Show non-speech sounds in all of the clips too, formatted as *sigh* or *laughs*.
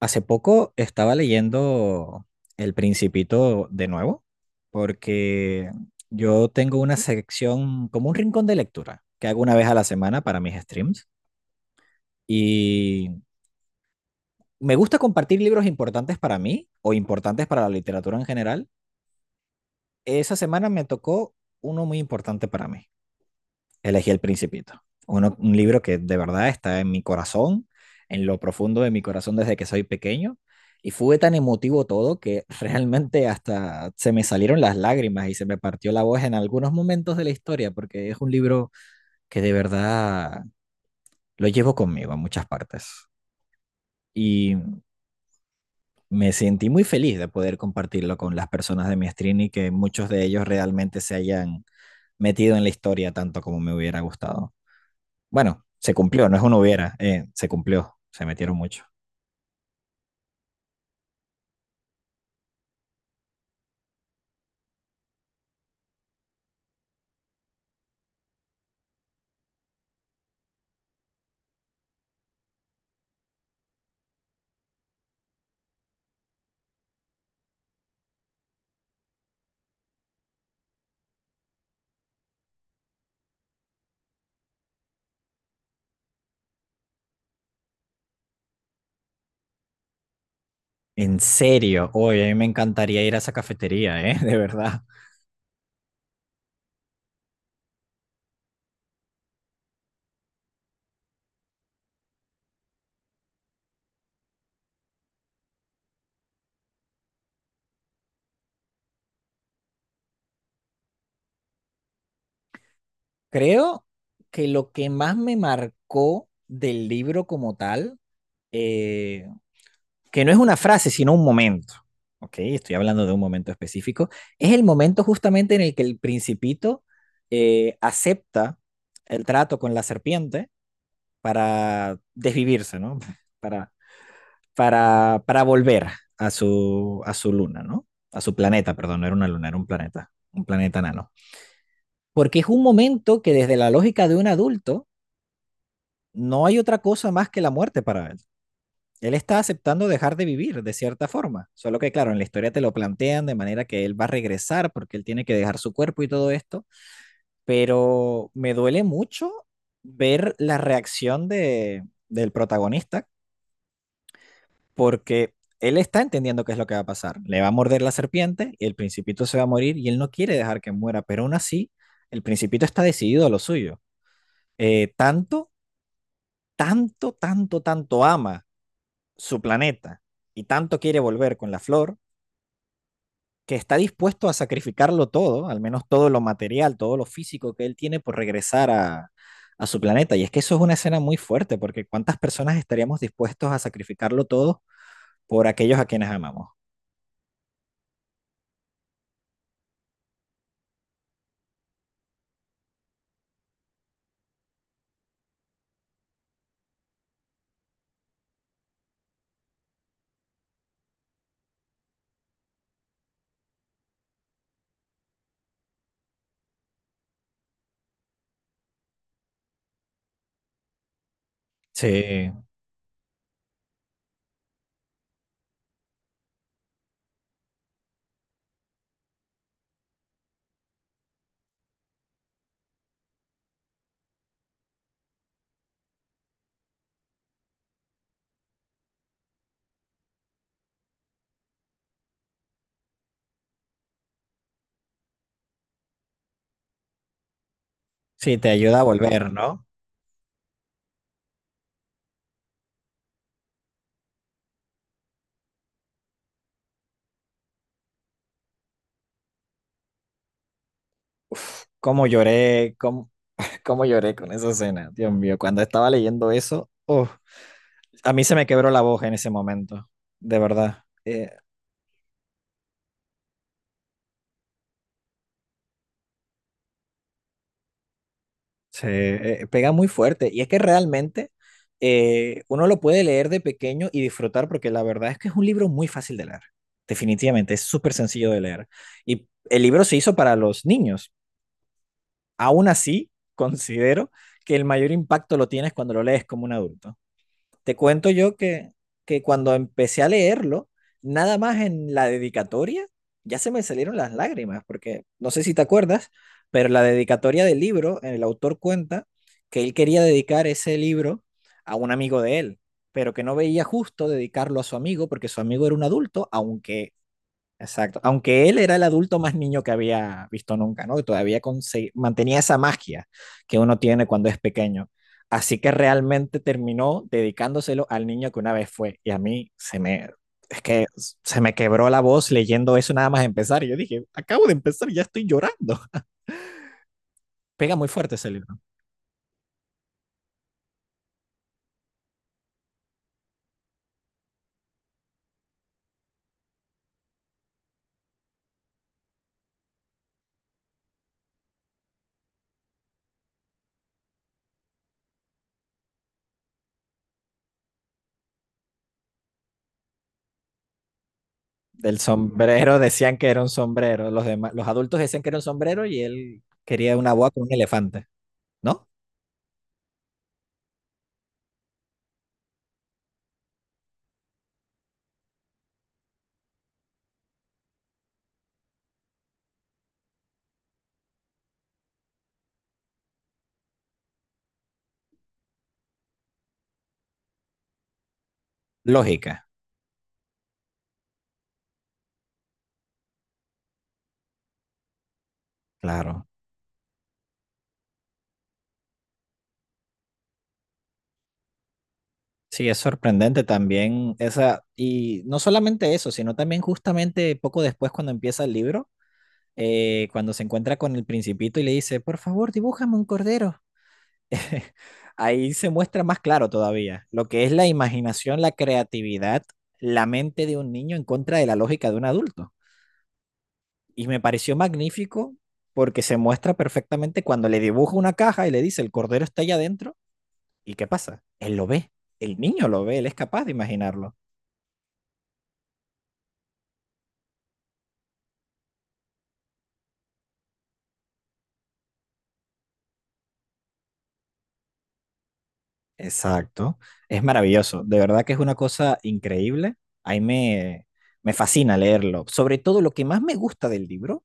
Hace poco estaba leyendo El Principito de nuevo, porque yo tengo una sección, como un rincón de lectura, que hago una vez a la semana para mis streams. Y me gusta compartir libros importantes para mí o importantes para la literatura en general. Esa semana me tocó uno muy importante para mí. Elegí El Principito. Un libro que de verdad está en mi corazón, en lo profundo de mi corazón desde que soy pequeño. Y fue tan emotivo todo que *laughs* realmente hasta se me salieron las lágrimas y se me partió la voz en algunos momentos de la historia, porque es un libro que de verdad lo llevo conmigo a muchas partes. Y me sentí muy feliz de poder compartirlo con las personas de mi stream y que muchos de ellos realmente se hayan metido en la historia tanto como me hubiera gustado. Bueno, se cumplió, no es un hubiera, se cumplió, se metieron mucho. En serio, oye, a mí me encantaría ir a esa cafetería, ¿eh? *laughs* De verdad. Creo que lo que más me marcó del libro como tal, eh, que no es una frase, sino un momento, ¿ok? Estoy hablando de un momento específico, es el momento justamente en el que el principito acepta el trato con la serpiente para desvivirse, ¿no? *laughs* Para para volver a su luna, ¿no? A su planeta, perdón, no era una luna, era un planeta nano. Porque es un momento que desde la lógica de un adulto no hay otra cosa más que la muerte para él. Él está aceptando dejar de vivir de cierta forma, solo que claro, en la historia te lo plantean de manera que él va a regresar porque él tiene que dejar su cuerpo y todo esto, pero me duele mucho ver la reacción del protagonista porque él está entendiendo qué es lo que va a pasar. Le va a morder la serpiente y el principito se va a morir y él no quiere dejar que muera, pero aún así, el principito está decidido a lo suyo. Tanto, tanto, tanto, tanto ama su planeta y tanto quiere volver con la flor que está dispuesto a sacrificarlo todo, al menos todo lo material, todo lo físico que él tiene por regresar a su planeta. Y es que eso es una escena muy fuerte, porque ¿cuántas personas estaríamos dispuestos a sacrificarlo todo por aquellos a quienes amamos? Sí. Sí, te ayuda a volver, ¿no? Cómo lloré, cómo, *laughs* cómo lloré con esa escena. Dios mío, cuando estaba leyendo eso, uf, a mí se me quebró la voz en ese momento, de verdad. Se pega muy fuerte. Y es que realmente uno lo puede leer de pequeño y disfrutar porque la verdad es que es un libro muy fácil de leer. Definitivamente, es súper sencillo de leer. Y el libro se hizo para los niños. Aún así, considero que el mayor impacto lo tienes cuando lo lees como un adulto. Te cuento yo que cuando empecé a leerlo, nada más en la dedicatoria, ya se me salieron las lágrimas, porque no sé si te acuerdas, pero la dedicatoria del libro, el autor cuenta que él quería dedicar ese libro a un amigo de él, pero que no veía justo dedicarlo a su amigo porque su amigo era un adulto, aunque. Exacto. Aunque él era el adulto más niño que había visto nunca, ¿no? Y todavía mantenía esa magia que uno tiene cuando es pequeño. Así que realmente terminó dedicándoselo al niño que una vez fue. Y a mí se me, es que se me quebró la voz leyendo eso nada más empezar. Y yo dije, acabo de empezar, ya estoy llorando. Pega muy fuerte ese libro. Del sombrero decían que era un sombrero. Los demás, los adultos decían que era un sombrero y él quería una boa con un elefante, ¿no? Lógica. Claro. Sí, es sorprendente también esa, y no solamente eso, sino también justamente poco después cuando empieza el libro, cuando se encuentra con el principito y le dice, por favor, dibújame un cordero. *laughs* Ahí se muestra más claro todavía lo que es la imaginación, la creatividad, la mente de un niño en contra de la lógica de un adulto. Y me pareció magnífico porque se muestra perfectamente cuando le dibuja una caja y le dice, el cordero está allá adentro, ¿y qué pasa? Él lo ve, el niño lo ve, él es capaz de imaginarlo. Exacto. Es maravilloso. De verdad que es una cosa increíble. Ahí me, me fascina leerlo. Sobre todo lo que más me gusta del libro,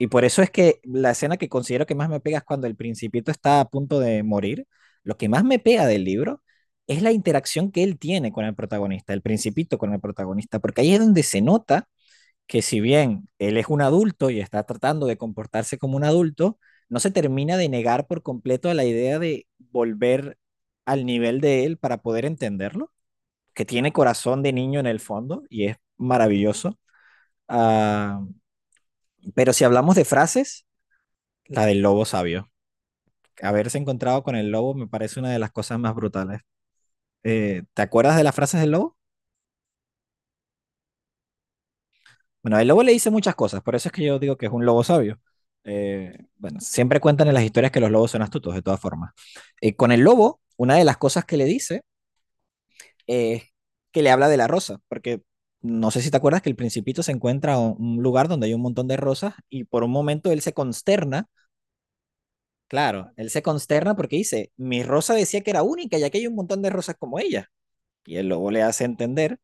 y por eso es que la escena que considero que más me pega es cuando el principito está a punto de morir. Lo que más me pega del libro es la interacción que él tiene con el protagonista, el principito con el protagonista, porque ahí es donde se nota que si bien él es un adulto y está tratando de comportarse como un adulto, no se termina de negar por completo a la idea de volver al nivel de él para poder entenderlo, que tiene corazón de niño en el fondo y es maravilloso. Ah, pero si hablamos de frases, la del lobo sabio. Haberse encontrado con el lobo me parece una de las cosas más brutales. ¿Te acuerdas de las frases del lobo? Bueno, el lobo le dice muchas cosas, por eso es que yo digo que es un lobo sabio. Bueno, siempre cuentan en las historias que los lobos son astutos, de todas formas. Con el lobo, una de las cosas que le dice es que le habla de la rosa, porque no sé si te acuerdas que el Principito se encuentra en un lugar donde hay un montón de rosas y por un momento él se consterna, claro, él se consterna porque dice, mi rosa decía que era única y aquí hay un montón de rosas como ella. Y el lobo le hace entender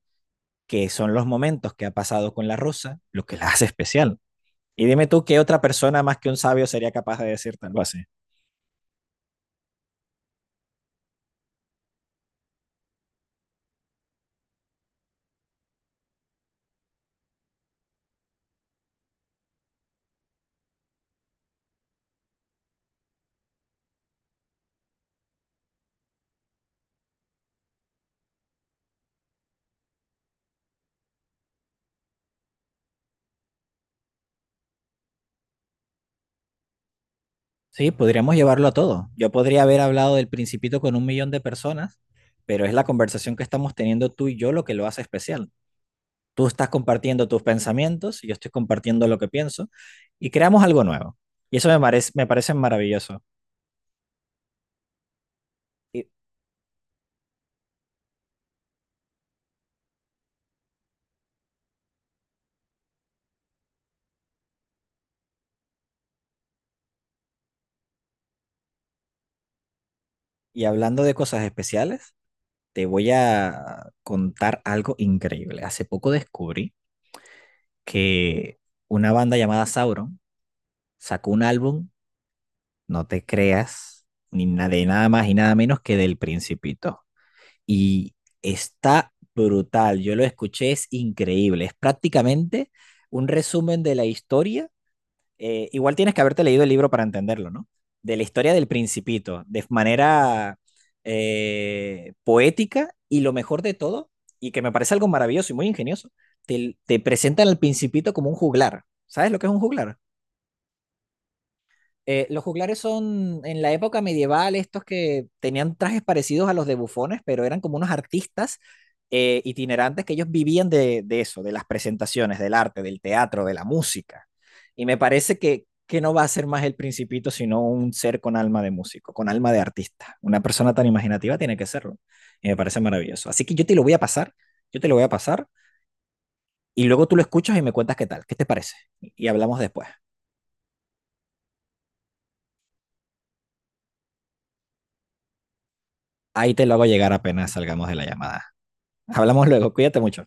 que son los momentos que ha pasado con la rosa lo que la hace especial. Y dime tú qué otra persona más que un sabio sería capaz de decirte algo así. Sí, podríamos llevarlo a todo. Yo podría haber hablado del principito con un millón de personas, pero es la conversación que estamos teniendo tú y yo lo que lo hace especial. Tú estás compartiendo tus pensamientos y yo estoy compartiendo lo que pienso y creamos algo nuevo. Y eso me parece maravilloso. Y, y hablando de cosas especiales, te voy a contar algo increíble. Hace poco descubrí que una banda llamada Sauron sacó un álbum, no te creas, ni na- de nada más y nada menos que del Principito. Y está brutal, yo lo escuché, es increíble, es prácticamente un resumen de la historia. Eh, igual tienes que haberte leído el libro para entenderlo, ¿no? De la historia del Principito, de manera poética y lo mejor de todo, y que me parece algo maravilloso y muy ingenioso, te presentan al Principito como un juglar. ¿Sabes lo que es un juglar? Los juglares son en la época medieval estos que tenían trajes parecidos a los de bufones, pero eran como unos artistas itinerantes que ellos vivían de eso, de las presentaciones, del arte, del teatro, de la música. Y me parece que no va a ser más el principito, sino un ser con alma de músico, con alma de artista. Una persona tan imaginativa tiene que serlo. Y me parece maravilloso. Así que yo te lo voy a pasar, yo te lo voy a pasar, y luego tú lo escuchas y me cuentas qué tal, qué te parece. Y hablamos después. Ahí te lo hago llegar apenas salgamos de la llamada. Hablamos luego, cuídate mucho.